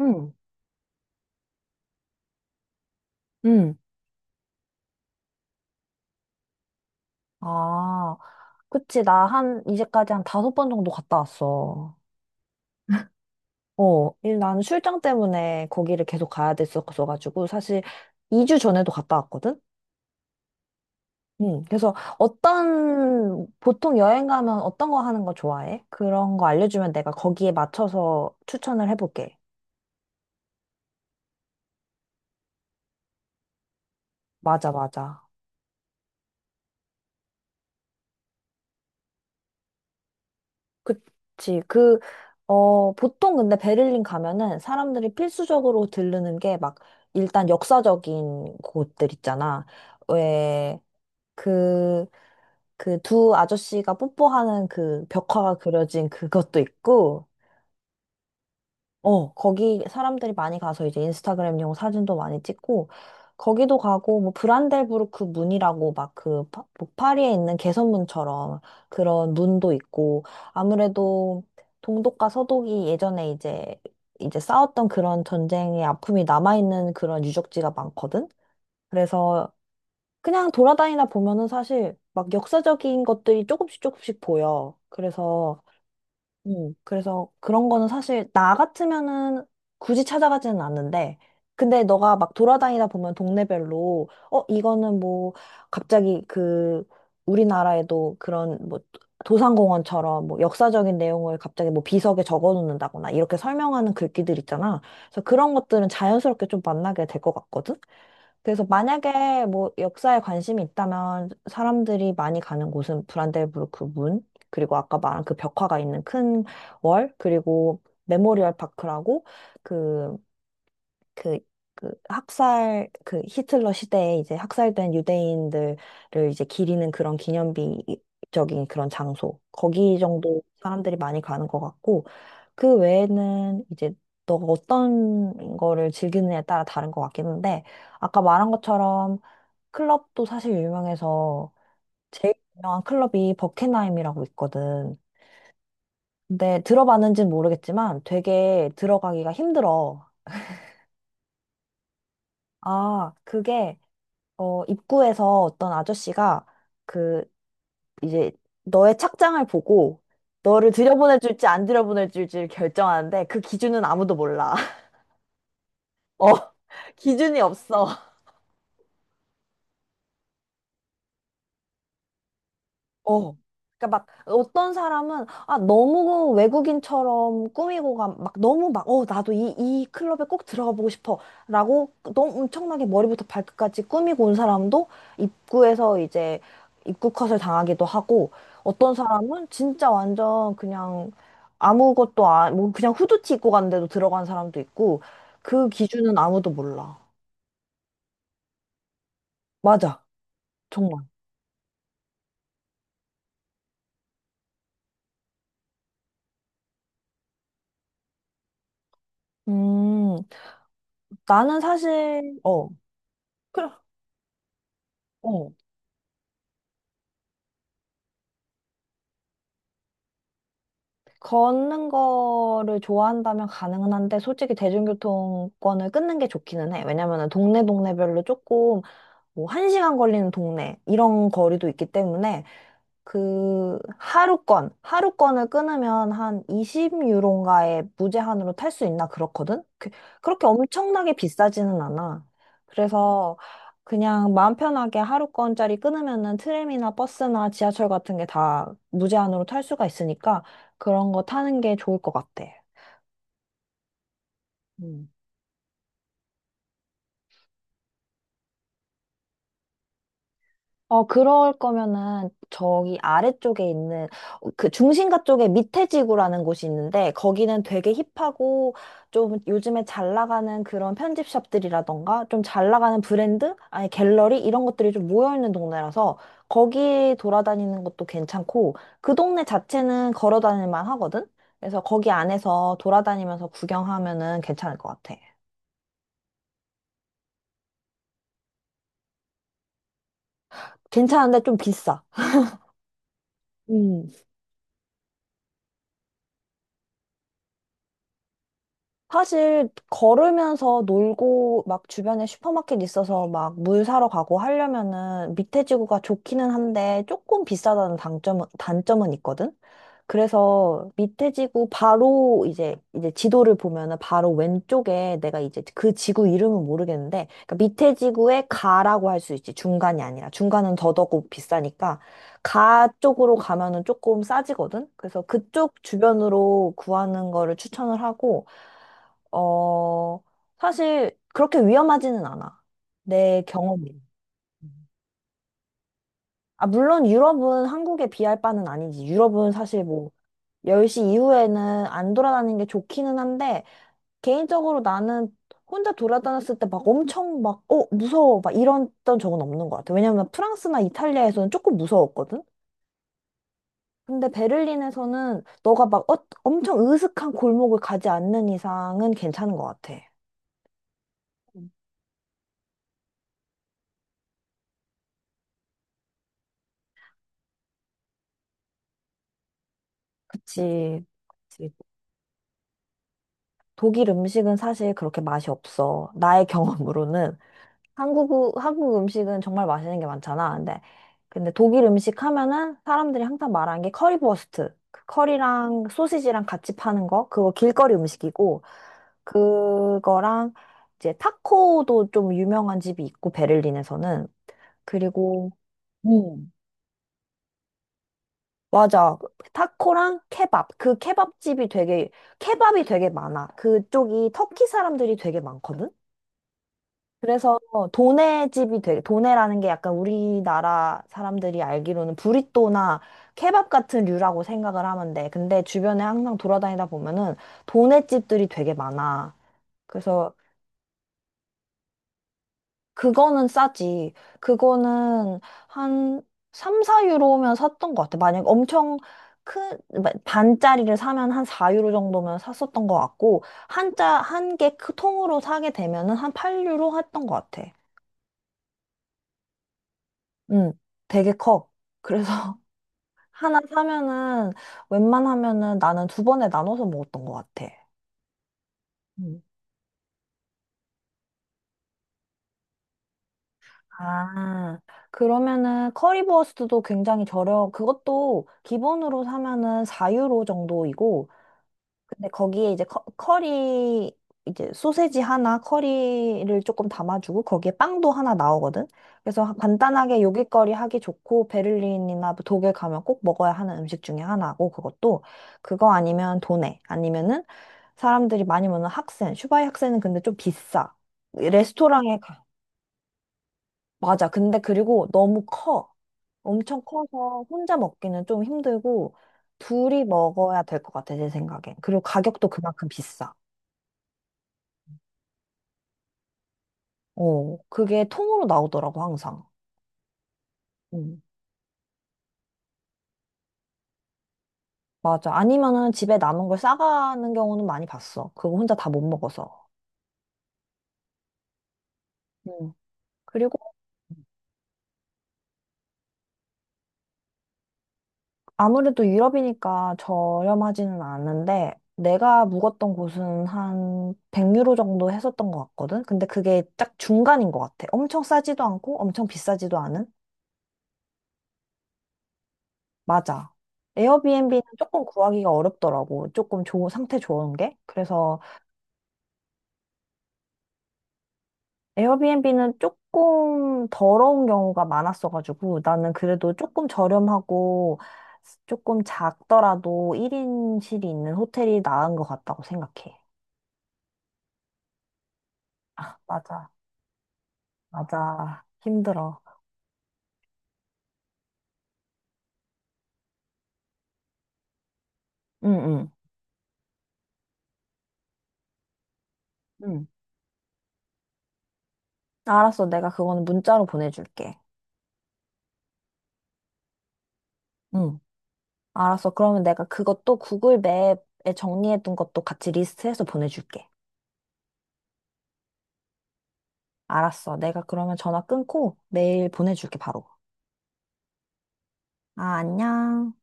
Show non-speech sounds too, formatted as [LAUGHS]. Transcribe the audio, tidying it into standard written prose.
응, 응. 아, 그치. 나 이제까지 한 5번 정도 갔다 왔어. 나는 출장 때문에 거기를 계속 가야 됐었어가지고, 사실 2주 전에도 갔다 왔거든? 응, 그래서 보통 여행 가면 어떤 거 하는 거 좋아해? 그런 거 알려주면 내가 거기에 맞춰서 추천을 해볼게. 맞아, 맞아. 그치. 보통 근데 베를린 가면은 사람들이 필수적으로 들르는 게, 일단 역사적인 곳들 있잖아. 왜, 그, 그 두 아저씨가 뽀뽀하는 그 벽화가 그려진 그것도 있고, 어, 거기 사람들이 많이 가서 이제 인스타그램용 사진도 많이 찍고, 거기도 가고, 뭐, 브란델부르크 문이라고 막 뭐 파리에 있는 개선문처럼 그런 문도 있고, 아무래도 동독과 서독이 예전에, 이제 싸웠던 그런 전쟁의 아픔이 남아있는 그런 유적지가 많거든? 그래서 그냥 돌아다니다 보면은 사실 막 역사적인 것들이 조금씩 조금씩 보여. 그래서 그래서 그런 거는 사실 나 같으면은 굳이 찾아가지는 않는데, 근데 너가 막 돌아다니다 보면 동네별로, 어, 이거는 뭐, 갑자기 그, 우리나라에도 그런 뭐, 도산공원처럼 뭐 역사적인 내용을 갑자기 뭐 비석에 적어 놓는다거나 이렇게 설명하는 글귀들 있잖아. 그래서 그런 것들은 자연스럽게 좀 만나게 될 것 같거든? 그래서 만약에 뭐 역사에 관심이 있다면 사람들이 많이 가는 곳은 브란덴부르크 문, 그리고 아까 말한 그 벽화가 있는 그리고 메모리얼 파크라고 그 그, 그 학살, 그 히틀러 시대에 이제 학살된 유대인들을 이제 기리는 그런 기념비적인 그런 장소. 거기 정도 사람들이 많이 가는 것 같고, 그 외에는 이제 너가 어떤 거를 즐기느냐에 따라 다른 것 같긴 한데, 아까 말한 것처럼 클럽도 사실 유명해서 제일 유명한 클럽이 버켄하임이라고 있거든. 근데 들어봤는지는 모르겠지만 되게 들어가기가 힘들어. 아, 그게 어, 입구에서 어떤 아저씨가 그 이제 너의 착장을 보고 너를 들여보내 줄지 안 들여보내 줄지를 결정하는데 그 기준은 아무도 몰라. [LAUGHS] 어, 기준이 없어. 어. 그러니까 막 어떤 사람은 아 너무 외국인처럼 꾸미고 가, 막 너무 막 어 나도 이 클럽에 꼭 들어가 보고 싶어라고 너무 엄청나게 머리부터 발끝까지 꾸미고 온 사람도 입구에서 이제 입구 컷을 당하기도 하고 어떤 사람은 진짜 완전 그냥 아무것도 안뭐 그냥 후드티 입고 갔는데도 들어간 사람도 있고 그 기준은 아무도 몰라. 맞아. 정말. 음. 나는 사실 어. 그래. 어. 걷는 거를 좋아한다면 가능은 한데 솔직히 대중교통권을 끊는 게 좋기는 해. 왜냐면은 동네별로 조금 뭐 1시간 걸리는 동네 이런 거리도 있기 때문에 그 하루권을 끊으면 한 20유로인가에 무제한으로 탈 수 있나 그렇거든? 그, 그렇게 엄청나게 비싸지는 않아. 그래서 그냥 마음 편하게 하루권짜리 끊으면은 트램이나 버스나 지하철 같은 게 다 무제한으로 탈 수가 있으니까 그런 거 타는 게 좋을 것 같아. 음. 어, 그럴 거면은 저기 아래쪽에 있는 어, 그 중심가 쪽에 밑에 지구라는 곳이 있는데 거기는 되게 힙하고 좀 요즘에 잘 나가는 그런 편집샵들이라던가 좀 잘 나가는 브랜드? 아니 갤러리? 이런 것들이 좀 모여있는 동네라서 거기 돌아다니는 것도 괜찮고 그 동네 자체는 걸어 다닐 만 하거든? 그래서 거기 안에서 돌아다니면서 구경하면은 괜찮을 것 같아. 괜찮은데 좀 비싸. 음. 사실 걸으면서 놀고 막 주변에 슈퍼마켓 있어서 막 물 사러 가고 하려면은 밑에 지구가 좋기는 한데 조금 비싸다는 단점은 있거든. 그래서 밑에 지구 바로 이제 지도를 보면은 바로 왼쪽에 내가 이제 그 지구 이름은 모르겠는데 그러니까 밑에 지구에 가라고 할 수 있지 중간이 아니라 중간은 더더욱 비싸니까 가 쪽으로 가면은 조금 싸지거든. 그래서 그쪽 주변으로 구하는 거를 추천을 하고 어, 사실 그렇게 위험하지는 않아. 내 경험이. 음. 아, 물론 유럽은 한국에 비할 바는 아니지. 유럽은 사실 뭐 10시 이후에는 안 돌아다니는 게 좋기는 한데 개인적으로 나는 혼자 돌아다녔을 때 막 엄청 막, 어, 무서워. 막 이랬던 적은 없는 것 같아. 왜냐면 프랑스나 이탈리아에서는 조금 무서웠거든? 근데 베를린에서는 너가 막 어, 엄청 으슥한 골목을 가지 않는 이상은 괜찮은 것 같아. 음. 그치. 독일 음식은 사실 그렇게 맛이 없어. 나의 [LAUGHS] 경험으로는 한국 음식은 정말 맛있는 게 많잖아. 근데 독일 음식 하면은 사람들이 항상 말하는 게 커리버스트. 그 커리랑 소시지랑 같이 파는 거. 그거 길거리 음식이고 그거랑 이제 타코도 좀 유명한 집이 있고 베를린에서는 그리고 음. 맞아. 타코랑 케밥. 케밥이 되게 많아. 그쪽이 터키 사람들이 되게 많거든? 그래서 도네 집이 되게 도네라는 게 약간 우리나라 사람들이 알기로는 브리또나 케밥 같은 류라고 생각을 하면 돼. 근데 주변에 항상 돌아다니다 보면은 도네 집들이 되게 많아. 그래서 그거는 싸지. 그거는 한 3, 4유로면 샀던 것 같아. 만약 엄청 큰 반짜리를 사면 한 4유로 정도면 샀었던 것 같고 한자 한 개 통으로 사게 되면은 한 8유로 했던 것 같아. 응, 되게 커. 그래서 [LAUGHS] 하나 사면은 웬만하면은 나는 두 번에 나눠서 먹었던 것 같아. 음. 아, 그러면은 커리버스트도 굉장히 저렴, 그것도 기본으로 사면은 4유로 정도이고, 근데 거기에 이제 커리 이제 소세지 하나 커리를 조금 담아주고 거기에 빵도 하나 나오거든. 그래서 간단하게 요깃거리 하기 좋고 베를린이나 뭐 독일 가면 꼭 먹어야 하는 음식 중에 하나고 그것도 그거 아니면 도네 아니면은 사람들이 많이 먹는 학센 슈바이 학센은 근데 좀 비싸. 레스토랑에 가. 맞아. 근데 그리고 너무 커. 엄청 커서 혼자 먹기는 좀 힘들고 둘이 먹어야 될 것 같아 내 생각엔. 그리고 가격도 그만큼 비싸. 어, 그게 통으로 나오더라고, 항상. 음, 맞아. 아니면은 집에 남은 걸 싸가는 경우는 많이 봤어. 그거 혼자 다 못 먹어서. 음. 그리고 아무래도 유럽이니까 저렴하지는 않은데, 내가 묵었던 곳은 한 100유로 정도 했었던 것 같거든? 근데 그게 딱 중간인 것 같아. 엄청 싸지도 않고, 엄청 비싸지도 않은? 맞아. 에어비앤비는 조금 구하기가 어렵더라고. 상태 좋은 게. 그래서 에어비앤비는 조금 더러운 경우가 많았어가지고 나는 그래도 조금 저렴하고 조금 작더라도 1인실이 있는 호텔이 나은 것 같다고 생각해. 맞아, 맞아. 힘들어. 응, 응, 응. 알았어. 내가 그거는 문자로 보내줄게. 응. 알았어. 그러면 내가 그것도 구글 맵에 정리해둔 것도 같이 리스트해서 보내줄게. 알았어. 내가 그러면 전화 끊고 메일 보내줄게, 바로. 아, 안녕.